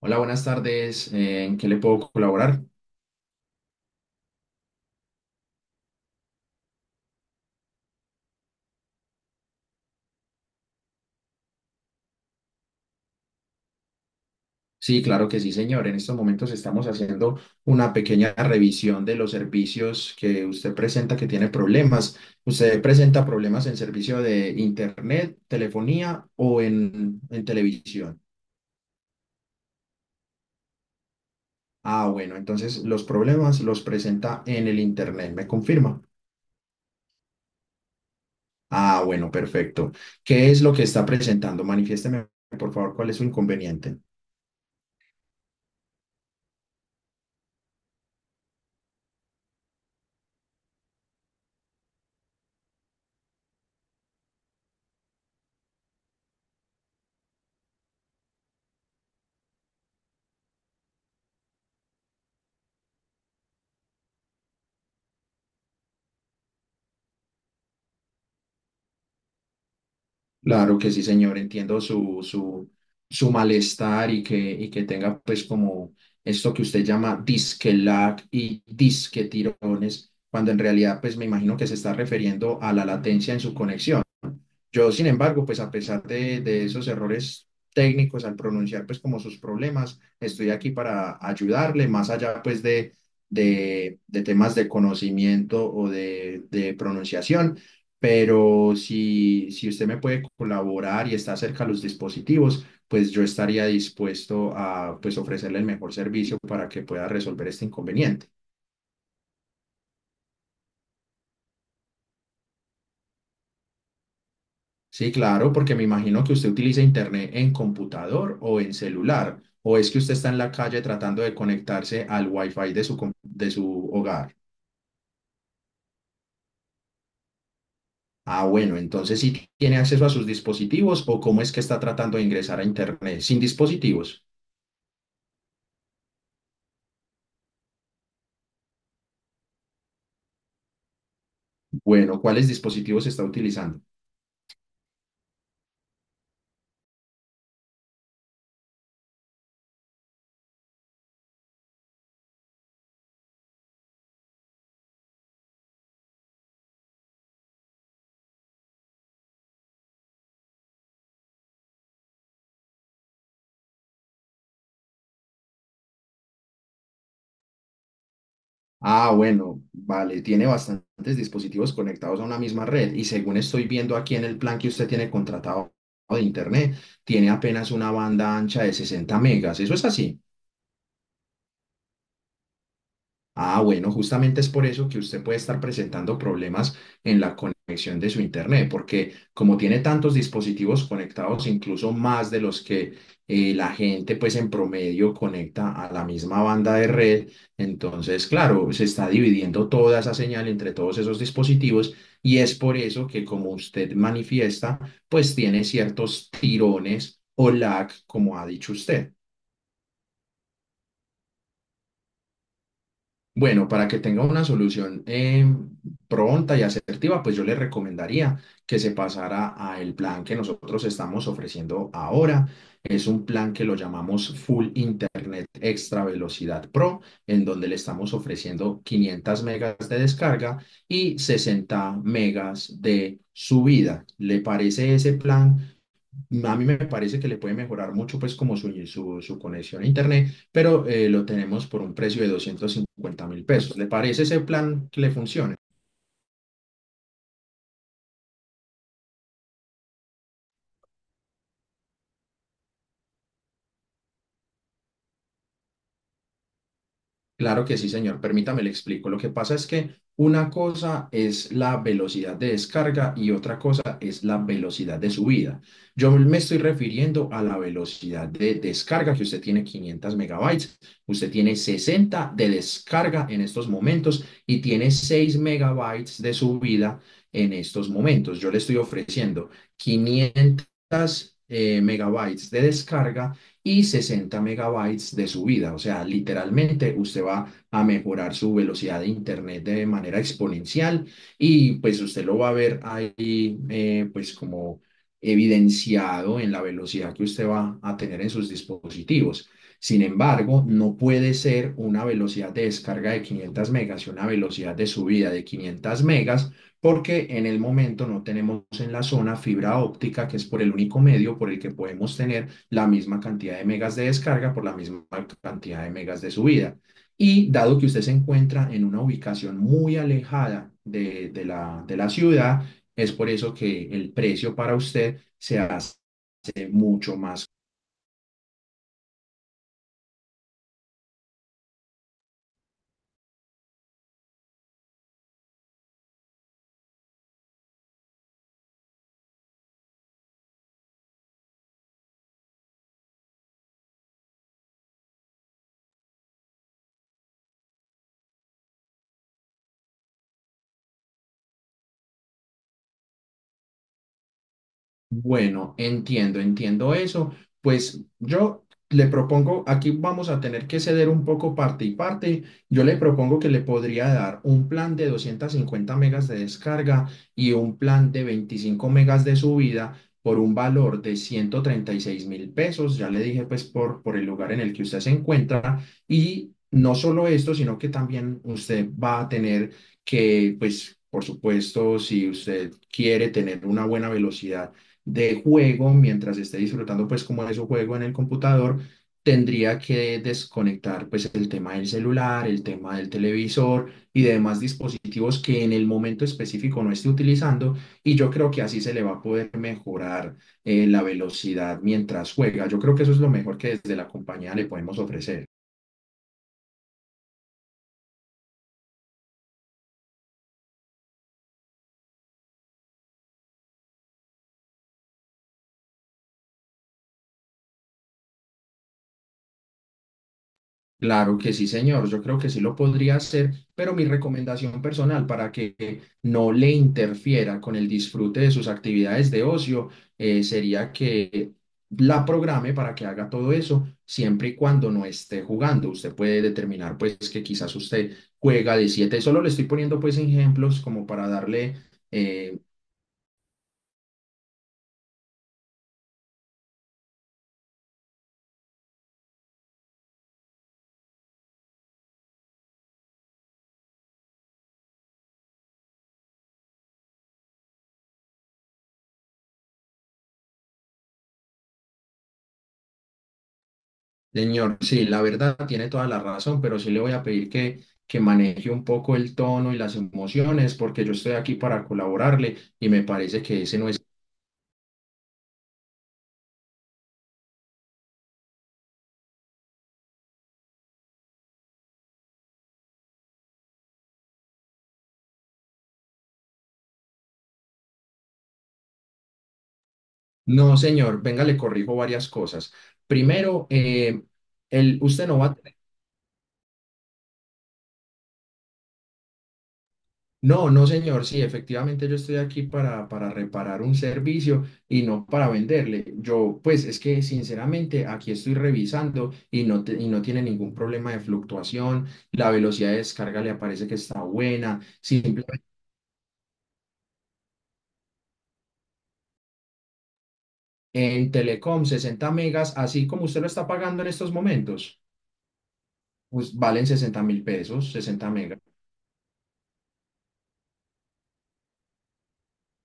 Hola, buenas tardes. ¿En qué le puedo colaborar? Sí, claro que sí, señor. En estos momentos estamos haciendo una pequeña revisión de los servicios que usted presenta que tiene problemas. ¿Usted presenta problemas en servicio de internet, telefonía o en televisión? Ah, bueno, entonces los problemas los presenta en el internet, ¿me confirma? Ah, bueno, perfecto. ¿Qué es lo que está presentando? Manifiésteme, por favor, cuál es su inconveniente. Claro que sí, señor, entiendo su malestar y que tenga pues como esto que usted llama disque lag y disque tirones, cuando en realidad pues me imagino que se está refiriendo a la latencia en su conexión. Yo, sin embargo, pues a pesar de esos errores técnicos al pronunciar pues como sus problemas, estoy aquí para ayudarle, más allá pues de temas de conocimiento o de pronunciación, pero si usted me puede colaborar y está cerca a los dispositivos, pues yo estaría dispuesto a pues ofrecerle el mejor servicio para que pueda resolver este inconveniente. Sí, claro, porque me imagino que usted utiliza internet en computador o en celular, o es que usted está en la calle tratando de conectarse al wifi de su hogar. Ah, bueno, entonces sí tiene acceso a sus dispositivos o cómo es que está tratando de ingresar a internet sin dispositivos. Bueno, ¿cuáles dispositivos está utilizando? Ah, bueno, vale, tiene bastantes dispositivos conectados a una misma red y según estoy viendo aquí en el plan que usted tiene contratado de internet, tiene apenas una banda ancha de 60 megas. ¿Eso es así? Ah, bueno, justamente es por eso que usted puede estar presentando problemas en la conexión de su internet, porque como tiene tantos dispositivos conectados, incluso más de los que la gente pues en promedio conecta a la misma banda de red, entonces claro, se está dividiendo toda esa señal entre todos esos dispositivos y es por eso que, como usted manifiesta, pues tiene ciertos tirones o lag, como ha dicho usted. Bueno, para que tenga una solución pronta y asertiva, pues yo le recomendaría que se pasara a el plan que nosotros estamos ofreciendo ahora. Es un plan que lo llamamos Full Internet Extra Velocidad Pro, en donde le estamos ofreciendo 500 megas de descarga y 60 megas de subida. ¿Le parece ese plan? A mí me parece que le puede mejorar mucho pues como su conexión a internet, pero lo tenemos por un precio de 250 mil pesos. ¿Le parece ese plan que le funcione? Claro que sí, señor. Permítame, le explico. Lo que pasa es que una cosa es la velocidad de descarga y otra cosa es la velocidad de subida. Yo me estoy refiriendo a la velocidad de descarga, que usted tiene 500 megabytes, usted tiene 60 de descarga en estos momentos y tiene 6 megabytes de subida en estos momentos. Yo le estoy ofreciendo 500 megabytes de descarga y 60 megabytes de subida. O sea, literalmente usted va a mejorar su velocidad de internet de manera exponencial y pues usted lo va a ver ahí, pues como evidenciado en la velocidad que usted va a tener en sus dispositivos. Sin embargo, no puede ser una velocidad de descarga de 500 megas y una velocidad de subida de 500 megas porque en el momento no tenemos en la zona fibra óptica, que es por el único medio por el que podemos tener la misma cantidad de megas de descarga por la misma cantidad de megas de subida. Y dado que usted se encuentra en una ubicación muy alejada de la ciudad, es por eso que el precio para usted se hace mucho más. Bueno, entiendo, entiendo eso. Pues yo le propongo, aquí vamos a tener que ceder un poco parte y parte. Yo le propongo que le podría dar un plan de 250 megas de descarga y un plan de 25 megas de subida por un valor de 136 mil pesos. Ya le dije pues por el lugar en el que usted se encuentra. Y no solo esto, sino que también usted va a tener que, pues, por supuesto, si usted quiere tener una buena velocidad de juego, mientras esté disfrutando pues como de su juego en el computador, tendría que desconectar pues el tema del celular, el tema del televisor y de demás dispositivos que en el momento específico no esté utilizando, y yo creo que así se le va a poder mejorar la velocidad mientras juega. Yo creo que eso es lo mejor que desde la compañía le podemos ofrecer. Claro que sí, señor. Yo creo que sí lo podría hacer, pero mi recomendación personal, para que no le interfiera con el disfrute de sus actividades de ocio, sería que la programe para que haga todo eso siempre y cuando no esté jugando. Usted puede determinar pues que quizás usted juega de 7. Solo le estoy poniendo pues ejemplos como para darle. eh, Señor, sí, la verdad tiene toda la razón, pero sí le voy a pedir que maneje un poco el tono y las emociones, porque yo estoy aquí para colaborarle y me parece que ese no es. No, señor, venga, le corrijo varias cosas. Primero, usted no va a. No, no, señor, sí, efectivamente yo estoy aquí para reparar un servicio y no para venderle. Yo, pues es que sinceramente aquí estoy revisando y no tiene ningún problema de fluctuación, la velocidad de descarga le aparece que está buena, simplemente en Telecom 60 megas, así como usted lo está pagando en estos momentos, pues valen 60 mil pesos, 60 megas.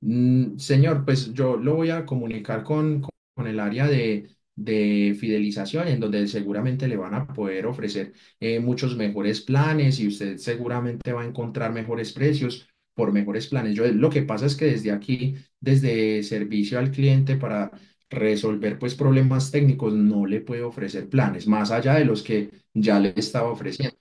Señor, pues yo lo voy a comunicar con el área de fidelización, en donde seguramente le van a poder ofrecer muchos mejores planes y usted seguramente va a encontrar mejores precios por mejores planes. Yo, lo que pasa es que desde aquí, desde servicio al cliente, para resolver pues problemas técnicos, no le puedo ofrecer planes más allá de los que ya le estaba ofreciendo.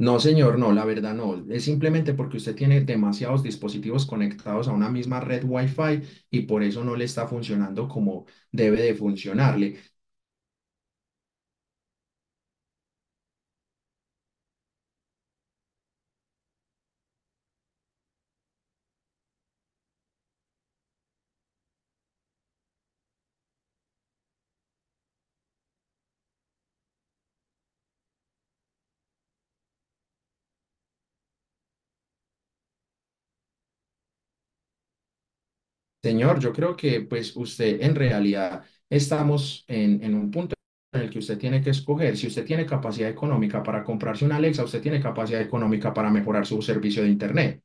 No, señor, no, la verdad no. Es simplemente porque usted tiene demasiados dispositivos conectados a una misma red Wi-Fi y por eso no le está funcionando como debe de funcionarle. Señor, yo creo que pues usted, en realidad, estamos en un punto en el que usted tiene que escoger. Si usted tiene capacidad económica para comprarse una Alexa, usted tiene capacidad económica para mejorar su servicio de Internet.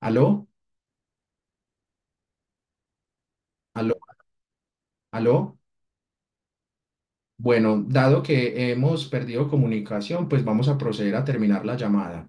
¿Aló? ¿Aló? ¿Aló? Bueno, dado que hemos perdido comunicación, pues vamos a proceder a terminar la llamada.